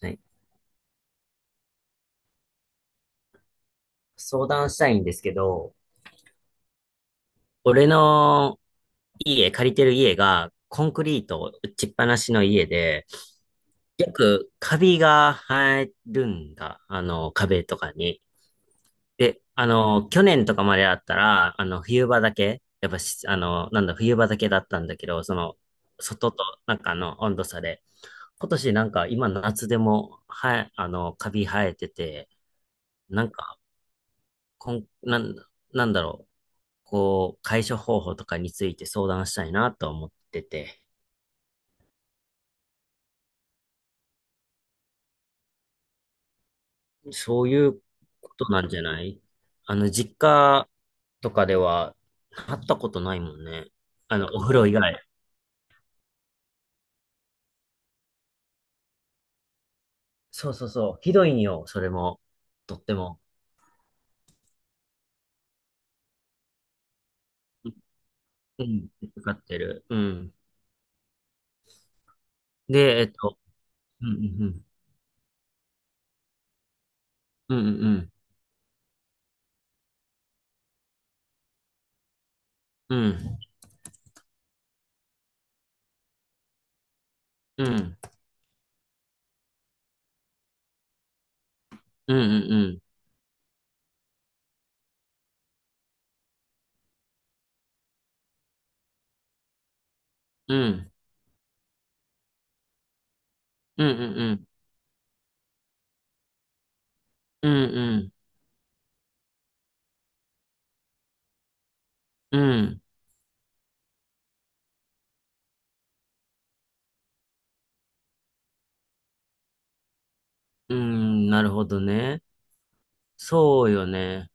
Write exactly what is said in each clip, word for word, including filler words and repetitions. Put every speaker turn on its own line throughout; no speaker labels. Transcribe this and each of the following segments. はい、相談したいんですけど、俺の家、借りてる家が、コンクリート打ちっぱなしの家で、よくカビが生えるんだ。あの、壁とかに。で、あの、去年とかまでだったら、あの、冬場だけ、やっぱし、あの、なんだ、冬場だけだったんだけど、その、外と、なんかあの、温度差で。今年なんか今夏でも、はい、あの、カビ生えてて、なんか、こん、なん、なんだろう。こう、解消方法とかについて相談したいなと思ってて、そういうことなんじゃない？あの、実家とかでは、会ったことないもんね。あの、お風呂以外。そうそうそう。ひどいんよ、それも。とっても。うん、かかってる。うん。で、えっと、うんうんうん。うんうんうん。うんうんうん。うんうんうん。うんうんうん。うんうんうん。うん、なるほどね。そうよね。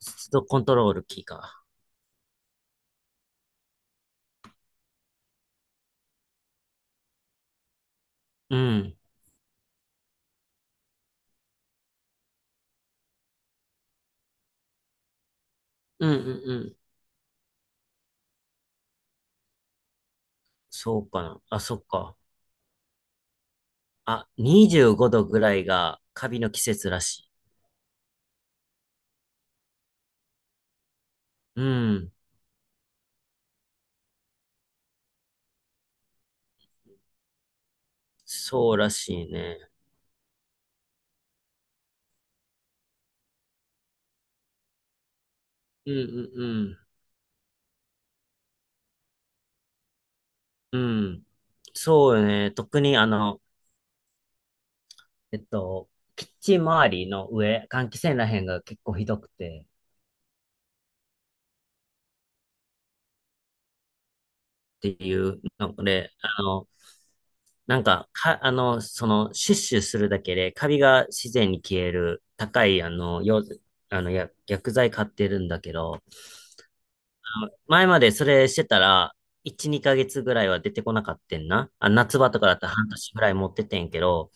湿度コントロールキーか。うん。うんうんうん。そうかな。あ、そっか。あ、にじゅうご どぐらいがカビの季節らしい。うん。そうらしいね。うんうんうん。うん。そうよね。特にあの、えっと、キッチン周りの上、換気扇らへんが結構ひどくてっていうので、あの、なんか、か、あの、その、シュッシュするだけで、カビが自然に消える、高い、あの、よ、あの、や、薬剤買ってるんだけど、前までそれしてたら、いち、に かげつぐらいは出てこなかったんな。あ、夏場とかだったら半年ぐらい持っててんけど、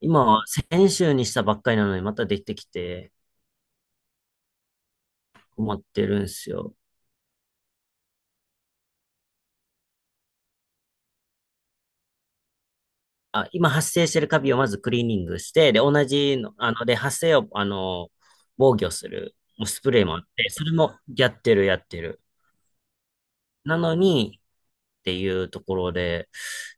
今は先週にしたばっかりなのにまたできてきて困ってるんすよ。あ、今発生してるカビをまずクリーニングして、で、同じの、あの、で、発生を、あの、防御する、もうスプレーもあって、それもやってる、やってる。なのにっていうところで、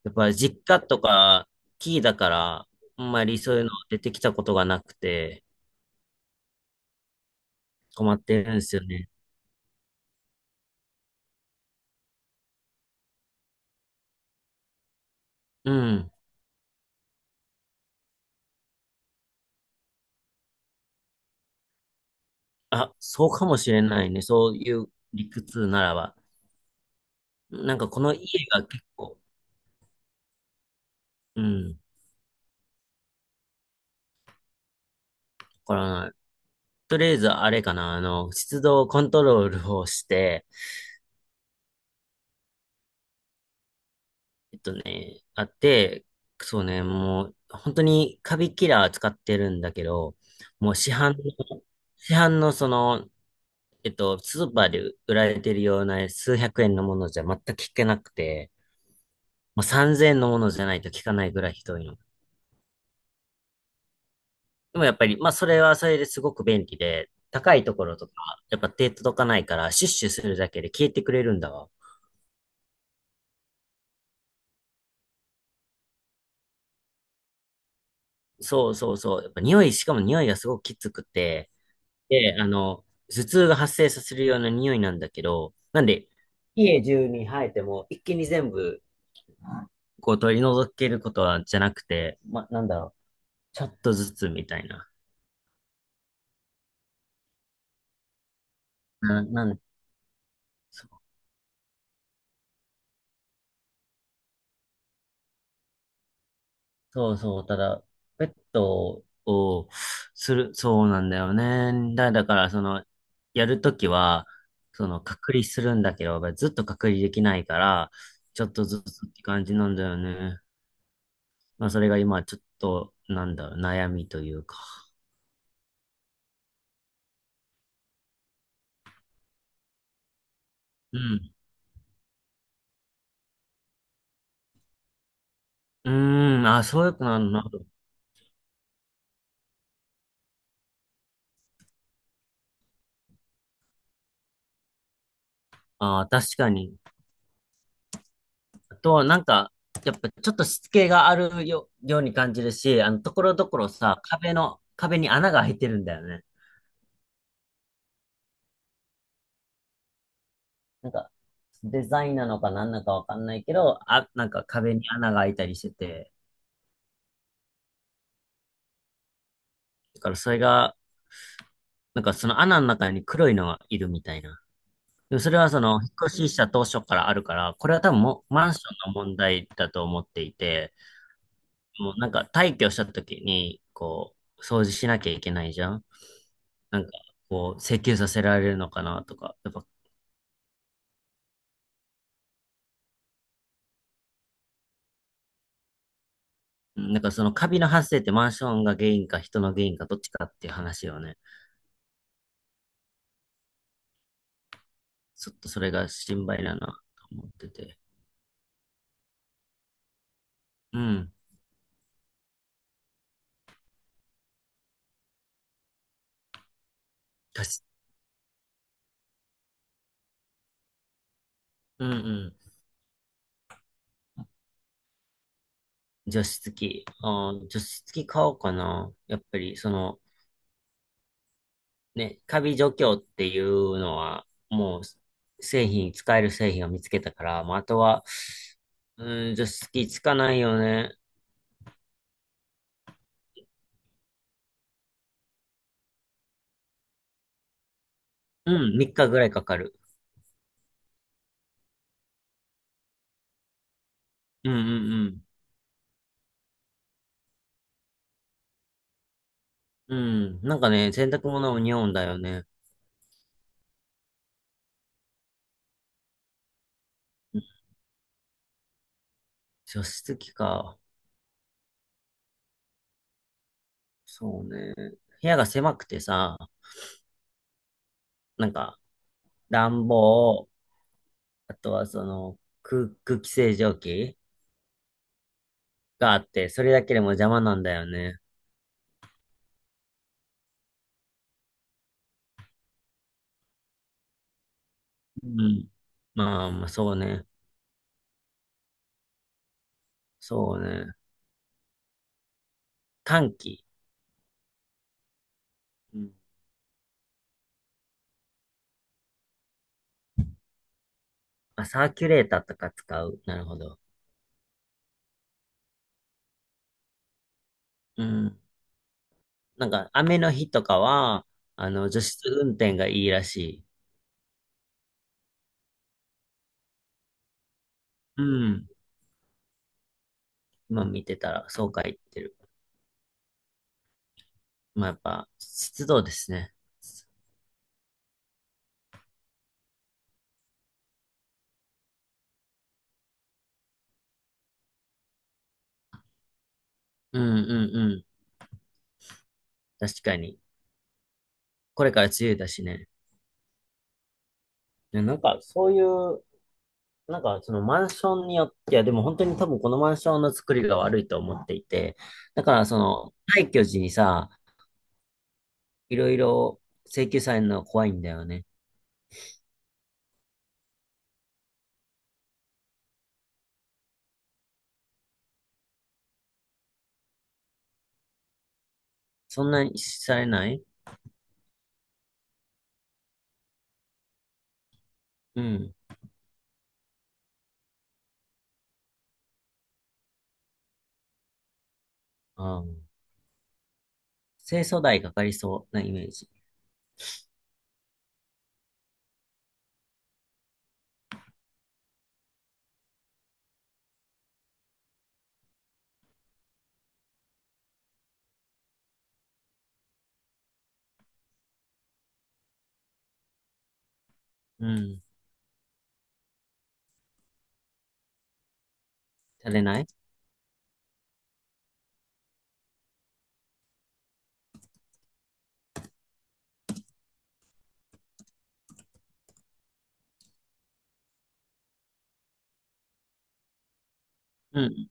やっぱり実家とかキーだから、あんまりそういうの出てきたことがなくて困ってるんですよね。うん。あ、そうかもしれないね。そういう理屈ならば。なんかこの家が結構、うん、わからない。とりあえずあれかな、あの、湿度コントロールをして、えっとね、あって、そうね、もう本当にカビキラー使ってるんだけど、もう市販の市販のそのえっと、スーパーで売られてるような数百円のものじゃ全く聞けなくて、もうさんぜん えんのものじゃないと聞かないぐらいひどいの。でもやっぱり、まあそれはそれですごく便利で、高いところとか、やっぱ手届かないから、シュッシュするだけで消えてくれるんだわ。そうそうそう。やっぱ匂い、しかも匂いがすごくきつくて、で、あの、頭痛が発生させるような匂いなんだけど、なんで、家中に生えても一気に全部、こう取り除けることはじゃなくて、ま、なんだろう、ちょっとずつみたいな。な、なん、そうそうそう、ただ、ペットをする、そうなんだよね。だ、だから、その、やるときは、その、隔離するんだけど、ずっと隔離できないから、ちょっとずつって感じなんだよね。まあ、それが今、ちょっと、なんだろう、悩みというか。うん。うーん、あ、そういうことなのな。あー、確かに。あとは、なんか、やっぱちょっとしつけがあるよ、ように感じるし、あの、ところどころさ、壁の、壁に穴が開いてるんだよね。なんか、デザインなのか何なのかわかんないけど、あ、なんか壁に穴が開いたりしてて、だからそれが、なんかその穴の中に黒いのがいるみたいな。でもそれはその、引っ越しした当初からあるから、これは多分もマンションの問題だと思っていて、もうなんか退去した時に、こう、掃除しなきゃいけないじゃん。なんか、こう、請求させられるのかなとか、やっぱ、なんかそのカビの発生ってマンションが原因か人の原因かどっちかっていう話よね。ちょっとそれが心配だなと思ってて。うん。加湿、うんうん。除湿機。あー、除湿機買おうかな。やっぱり、その、ね、カビ除去っていうのは、もう、製品、使える製品を見つけたから、もうあとは、うん、除湿機つかないよね。うん、みっかぐらいかかる。うんうんうん。うん。なんかね、洗濯物もにおうんだよね。除湿機か。そうね。部屋が狭くてさ、なんか、暖房、あとはその、空、空気清浄機があって、それだけでも邪魔なんだよね。うん。ん。まあ、まあ、そうね。そうね。換気。うん。あ、サーキュレーターとか使う。なるほど。うん。なんか、雨の日とかは、あの、除湿運転がいいらしい。うん。今見てたら、そうか言ってる。まあ、やっぱ、湿度ですね。うんうんうん。確かに。これから梅雨だしね。ね、なんか、そういうなんか、そのマンションによって、いや、でも本当に多分このマンションの作りが悪いと思っていて、だからその、退去時にさ、いろいろ請求されるの怖いんだよね。そんなにされない？うん。ああ。清掃代かかりそうなイメージ。うん。されない？うん。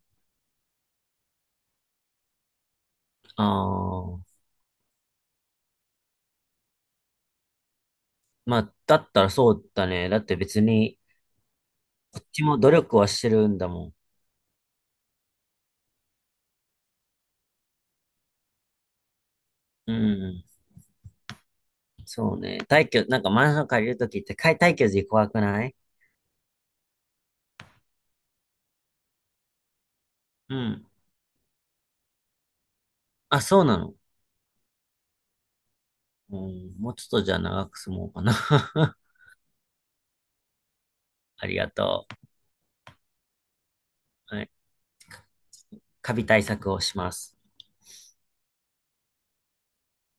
ああ。まあ、だったらそうだね。だって別に、こっちも努力はしてるんだもん。うん。そうね。退去、なんかマンション借りるときって、かい退去時怖くない？うん。あ、そうなの？うん、もうちょっとじゃあ長く住もうかな。ありがとう。はい。カビ対策をします。